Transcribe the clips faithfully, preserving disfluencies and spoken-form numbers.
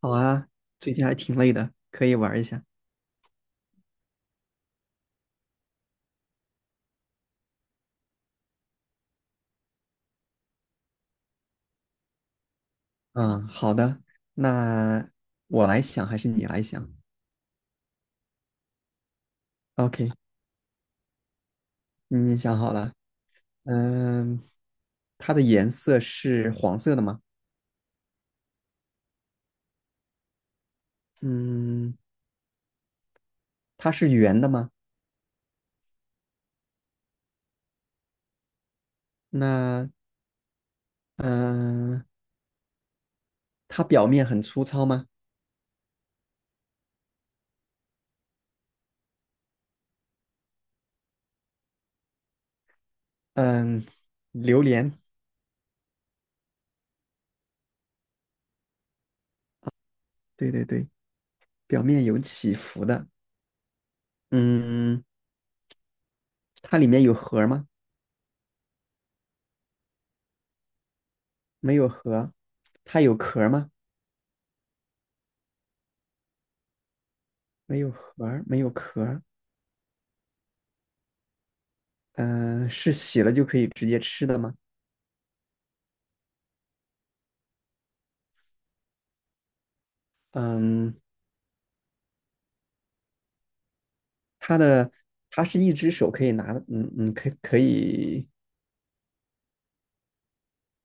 好啊，最近还挺累的，可以玩一下。嗯，好的，那我来想还是你来想？OK，你想好了。嗯，它的颜色是黄色的吗？嗯，它是圆的吗？那嗯，它表面很粗糙吗？嗯，榴莲，对对对，表面有起伏的。嗯，它里面有核儿吗？没有核。它有壳儿吗？没有核儿没有壳儿嗯、是洗了就可以直接吃的吗？嗯，它的它是一只手可以拿的，嗯嗯，可以可以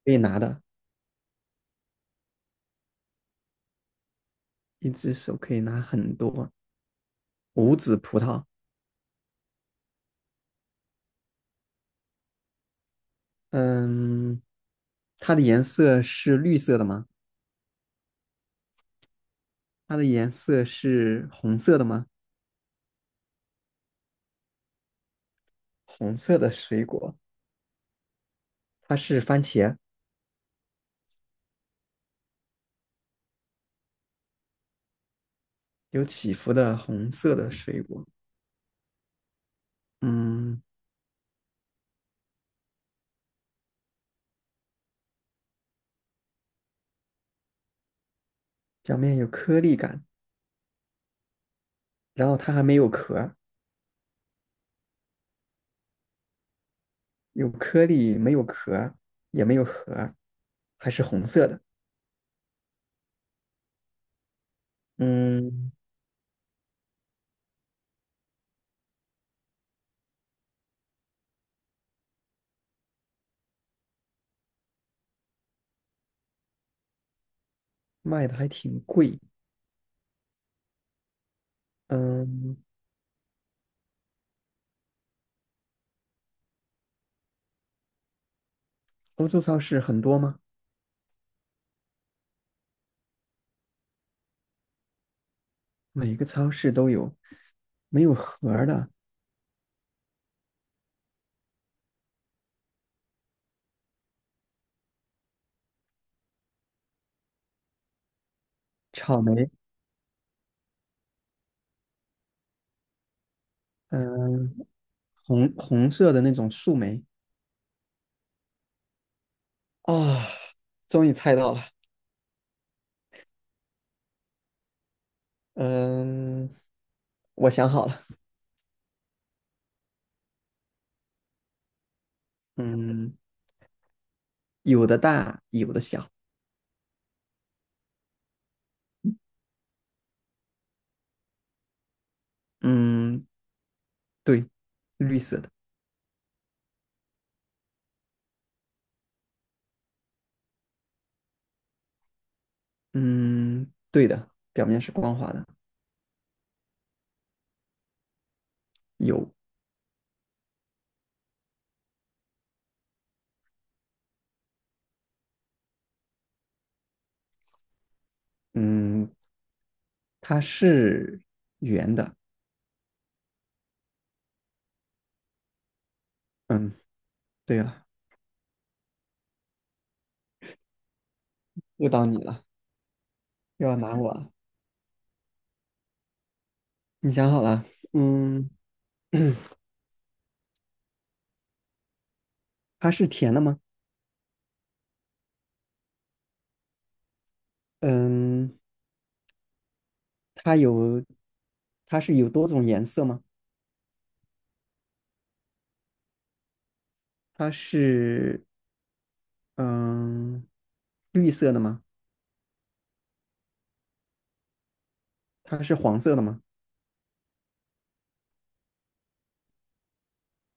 可以拿的，一只手可以拿很多无籽葡萄。嗯，它的颜色是绿色的吗？它的颜色是红色的吗？红色的水果，它是番茄，有起伏的红色的水果。嗯，表面有颗粒感，然后它还没有壳。有颗粒，没有壳，也没有核，还是红色的。嗯，卖的还挺贵。嗯，欧洲超市很多吗？每个超市都有。没有核儿的草莓，嗯，红红色的那种树莓啊，终于猜到了。嗯，我想好了。嗯，有的大，有的小。嗯，对，绿色的。嗯，对的，表面是光滑的。有，嗯，它是圆的。嗯，对了，又到你了，又要拿我了。你想好了？嗯，它是甜的吗？嗯，它有，它是有多种颜色吗？它是，嗯，绿色的吗？它是黄色的吗？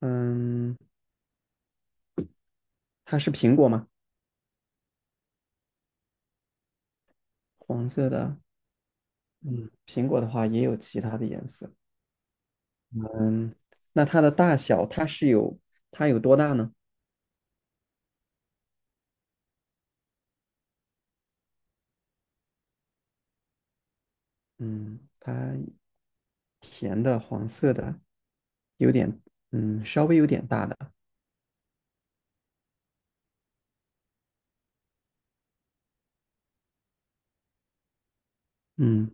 嗯，它是苹果吗？黄色的，嗯，苹果的话也有其他的颜色。嗯，那它的大小，它是有，它有多大呢？嗯，它甜的黄色的，有点嗯，稍微有点大的，嗯，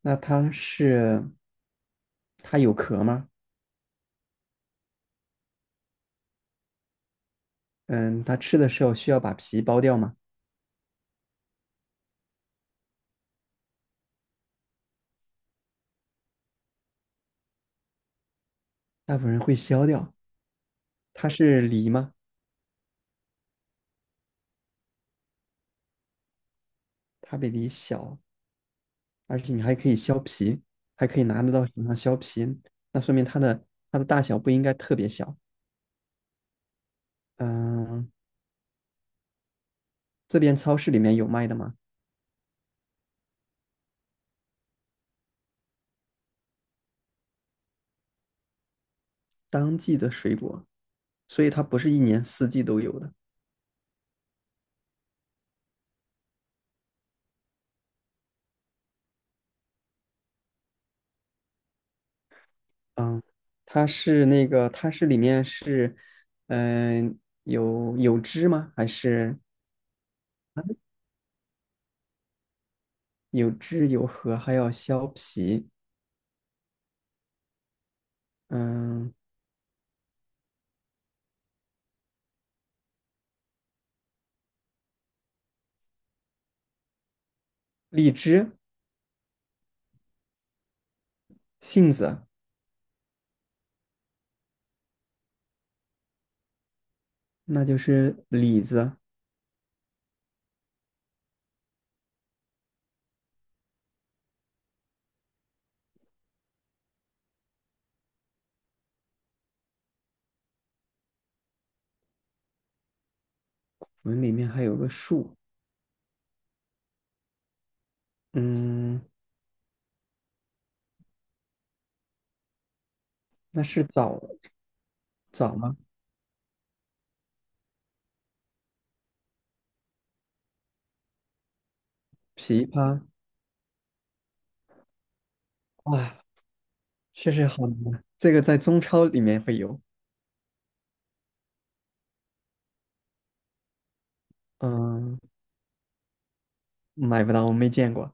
那它是它有壳吗？嗯，它吃的时候需要把皮剥掉吗？大部分人会削掉。它是梨吗？它比梨小，而且你还可以削皮，还可以拿得到手上削皮，那说明它的它的大小不应该特别小。嗯，这边超市里面有卖的吗？当季的水果，所以它不是一年四季都有的。嗯，它是那个，它是里面是，嗯、有有汁吗？还是有汁有核，还要削皮？嗯，荔枝、杏子，那就是李子。我们里面还有个树，嗯，那是枣枣吗？枇杷，哇，确实好难啊。这个在中超里面会有，嗯，买不到，我没见过。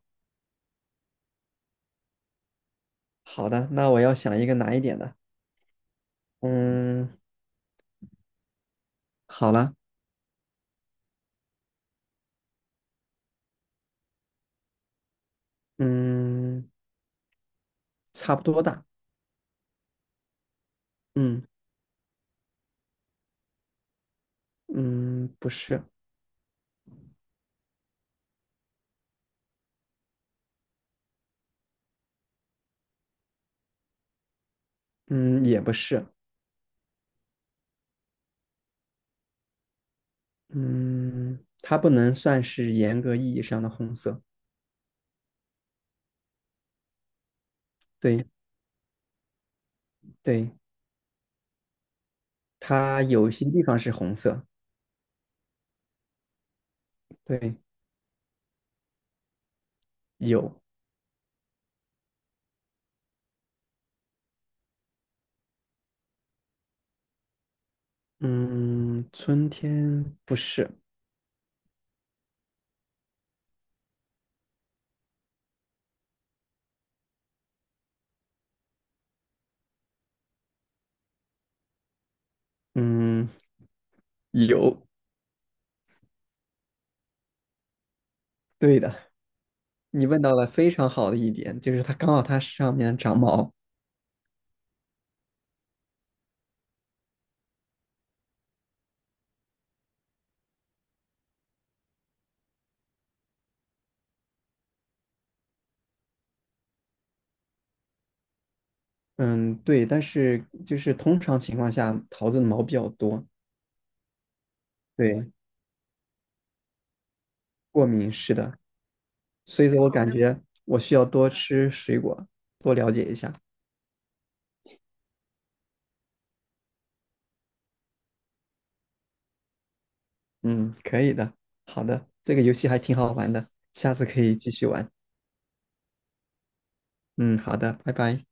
好的，那我要想一个难一点的。嗯，好了，嗯。差不多大。嗯嗯，不是，嗯也不是，嗯，它不能算是严格意义上的红色。对对，它有些地方是红色。对，有，嗯，春天不是，嗯，有，对的，你问到了非常好的一点，就是它刚好它上面长毛。嗯，对，但是就是通常情况下，桃子的毛比较多。对，过敏是的。所以说我感觉我需要多吃水果，多了解一下。嗯，可以的，好的，这个游戏还挺好玩的，下次可以继续玩。嗯，好的，拜拜。